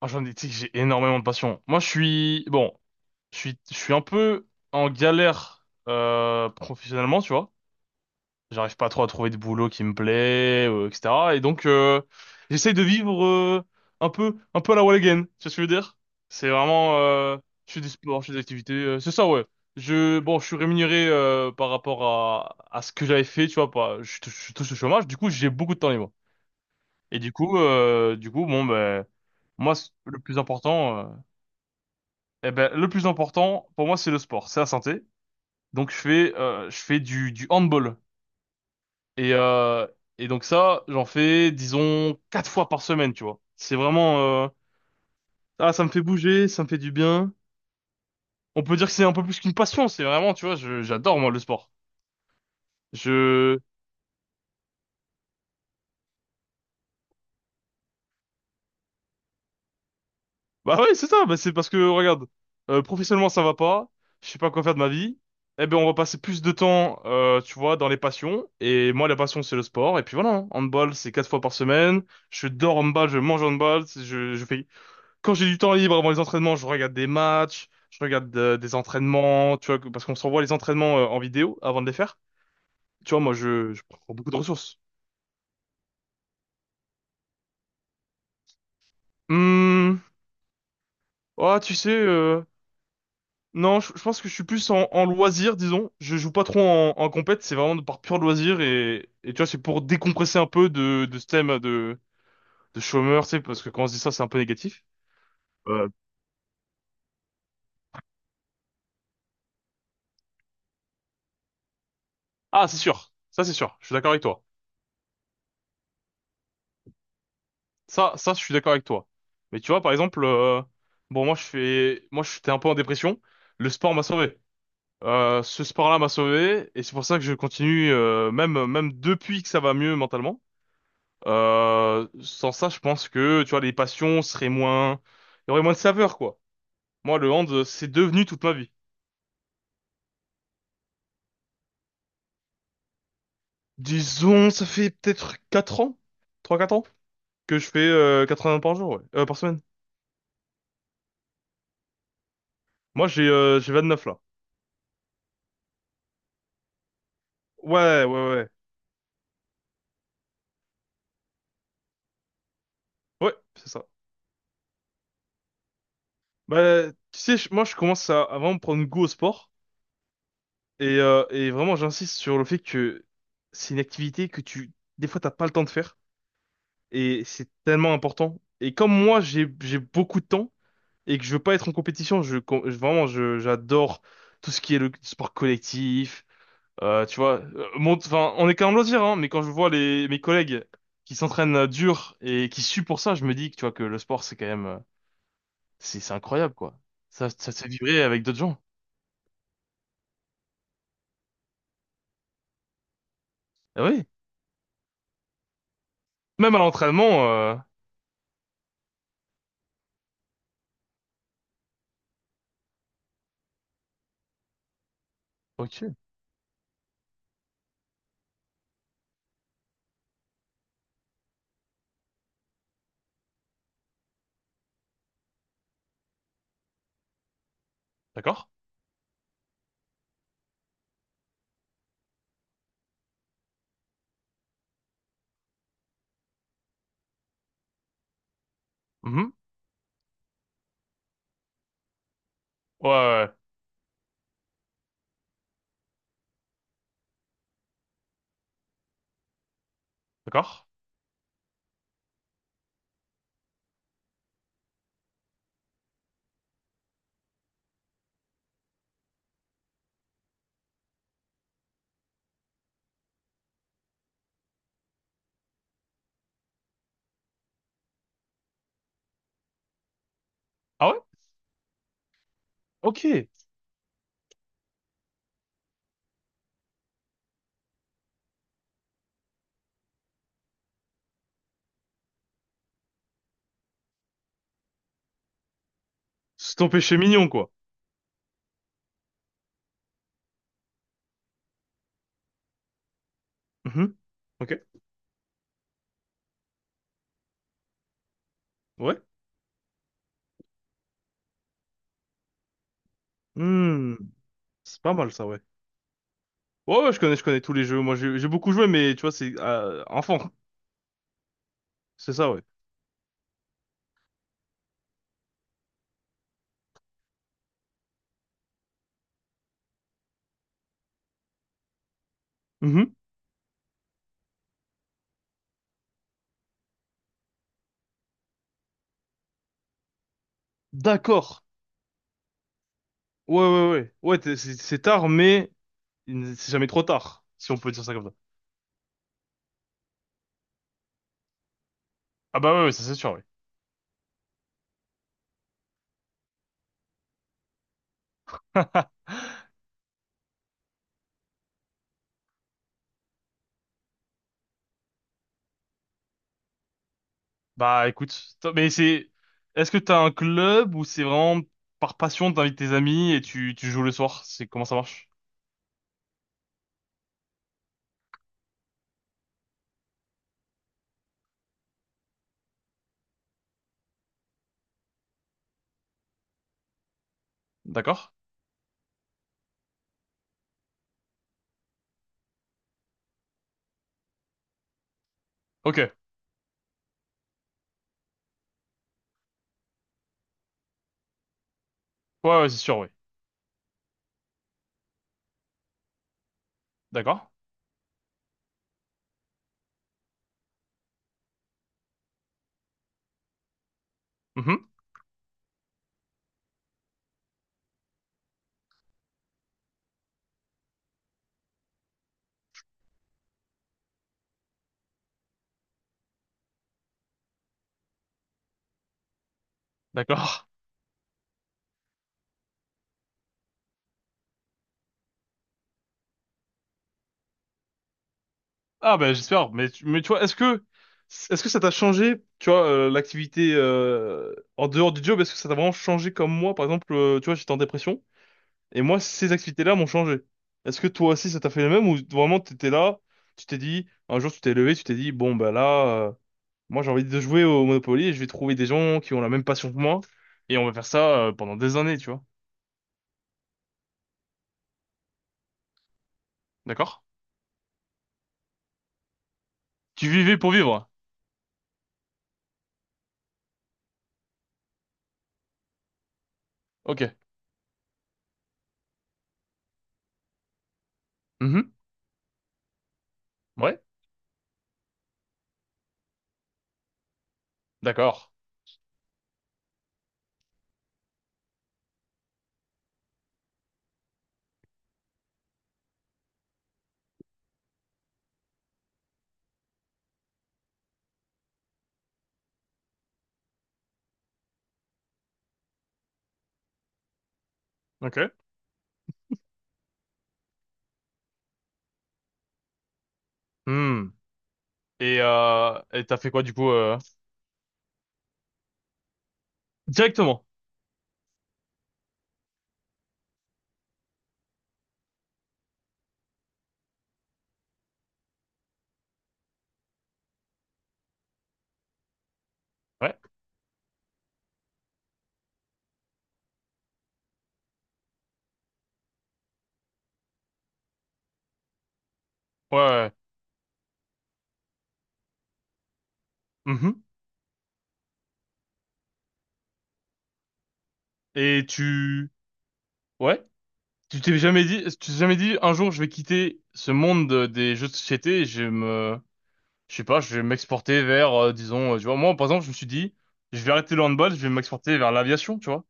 Oh, j'en ai, tu sais que j'ai énormément de passion. Moi, bon, je suis un peu en galère professionnellement, tu vois. J'arrive pas trop à trouver de boulot qui me plaît, etc. Et donc, j'essaye de vivre un peu à la wall again. Tu vois ce que je veux dire? C'est vraiment, euh, je fais du sport, je fais des activités. C'est ça, ouais. Bon, je suis rémunéré par rapport à ce que j'avais fait, tu vois. Pas, je, touche- Je touche le chômage. Du coup, j'ai beaucoup de temps libre. Et du coup, bon, ben. Moi, eh ben, le plus important pour moi, c'est le sport, c'est la santé. Donc je fais du handball. Et, euh, et donc ça, j'en fais, disons, quatre fois par semaine, tu vois. Ah, ça me fait bouger, ça me fait du bien. On peut dire que c'est un peu plus qu'une passion, c'est vraiment, tu vois, j'adore moi le sport. Je Bah ouais, c'est ça, bah c'est parce que regarde, professionnellement ça va pas, je sais pas quoi faire de ma vie. Eh ben on va passer plus de temps tu vois dans les passions et moi la passion c'est le sport et puis voilà, hein. Handball c'est quatre fois par semaine, je dors handball, je mange handball, je fais quand j'ai du temps libre avant les entraînements, je regarde des matchs, je regarde des entraînements, tu vois parce qu'on se renvoie les entraînements en vidéo avant de les faire. Tu vois moi je prends beaucoup de ressources. Hum, ah tu sais non, je pense que je suis plus en, en loisir, disons. Je joue pas trop en compète, c'est vraiment par pur loisir et tu vois, c'est pour décompresser un peu de ce thème de chômeur, tu sais, parce que quand on se dit ça, c'est un peu négatif. Euh, ah, c'est sûr. Ça, c'est sûr. Je suis d'accord avec toi. Ça, je suis d'accord avec toi. Mais tu vois, par exemple, bon, moi, j'étais un peu en dépression. Le sport m'a sauvé. Ce sport-là m'a sauvé et c'est pour ça que je continue, même depuis que ça va mieux mentalement. Sans ça, je pense que, tu vois, les passions seraient moins. Il y aurait moins de saveur, quoi. Moi, le hand, c'est devenu toute ma vie. Disons, ça fait peut-être 4 ans, trois quatre ans, que je fais vingts par jour, ouais. Par semaine. Moi, j'ai neuf là. Ouais, ouais, ouais. Ouais, c'est ça. Bah, tu sais, moi, je commence à vraiment prendre goût au sport. Et vraiment, j'insiste sur le fait que c'est une activité que tu. Des fois, t'as pas le temps de faire. Et c'est tellement important. Et comme moi, j'ai beaucoup de temps, et que je veux pas être en compétition. Vraiment, j'adore tout ce qui est le sport collectif. Tu vois, enfin, on est quand même loisir, hein, mais quand je vois mes collègues qui s'entraînent dur et qui suent pour ça, je me dis que tu vois que le sport, c'est quand même, c'est incroyable, quoi. Ça se fait vibrer avec d'autres gens. Ah oui. Même à l'entraînement, ok, d'accord. Mhm. Ouais, ouais, ouais, d'accord. Ah ouais? Ok. C'est ton péché mignon, quoi. Mhm. Ok. Ouais. Hmm. C'est pas mal, ça, ouais. Ouais, ouais, je connais tous les jeux. Moi, j'ai beaucoup joué, mais tu vois, c'est enfant. C'est ça, ouais. Mhm. D'accord. Ouais, ouais, ouais. Ouais, c'est tard, mais c'est jamais trop tard, si on peut dire ça comme ça. Ah bah ouais, ouais, ça c'est sûr, oui. Bah écoute, mais c'est. Est-ce que t'as un club ou c'est vraiment par passion, t'invites tes amis et tu joues le soir? C'est comment ça marche? D'accord? Ok. Ouais, ouais, c'est sûr, oui. D'accord? Mhm. D'accord. Ah ben j'espère, mais tu vois, est-ce que ça t'a changé, tu vois, l'activité en dehors du job, est-ce que ça t'a vraiment changé comme moi, par exemple, tu vois, j'étais en dépression et moi ces activités-là m'ont changé. Est-ce que toi aussi ça t'a fait le même ou vraiment t'étais là, tu t'es dit un jour tu t'es levé, tu t'es dit bon ben là, moi j'ai envie de jouer au Monopoly et je vais trouver des gens qui ont la même passion que moi et on va faire ça pendant des années, tu vois, d'accord? Tu vivais pour vivre. Ok. Mhm. Ouais. D'accord. Ok. Hmm. Et t'as fait quoi du coup Directement. Ouais. Ouais. Ouais. Mhm. Et tu ouais, tu t'es jamais dit un jour je vais quitter ce monde des jeux de société et je sais pas, je vais m'exporter vers disons tu vois moi par exemple, je me suis dit je vais arrêter le handball, je vais m'exporter vers l'aviation, tu vois.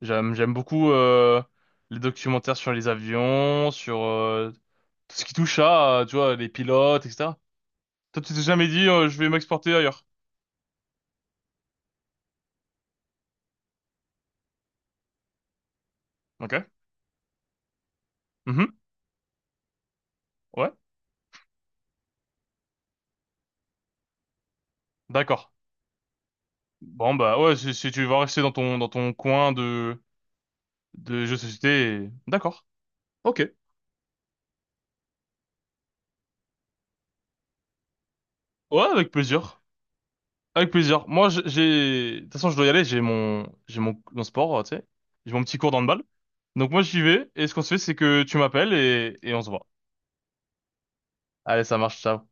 J'aime beaucoup les documentaires sur les avions, sur tout ce qui touche à tu vois les pilotes etc. Toi tu t'es jamais dit je vais m'exporter ailleurs. OK. Mhm. Ouais. D'accord. Bon bah ouais, si tu vas rester dans ton coin de jeux de société, d'accord. Ok. Ouais, avec plaisir. Avec plaisir. Moi j'ai de toute façon je dois y aller, j'ai mon sport, tu sais. J'ai mon petit cours d'handball. Donc moi j'y vais et ce qu'on se fait c'est que tu m'appelles et on se voit. Allez, ça marche, ciao.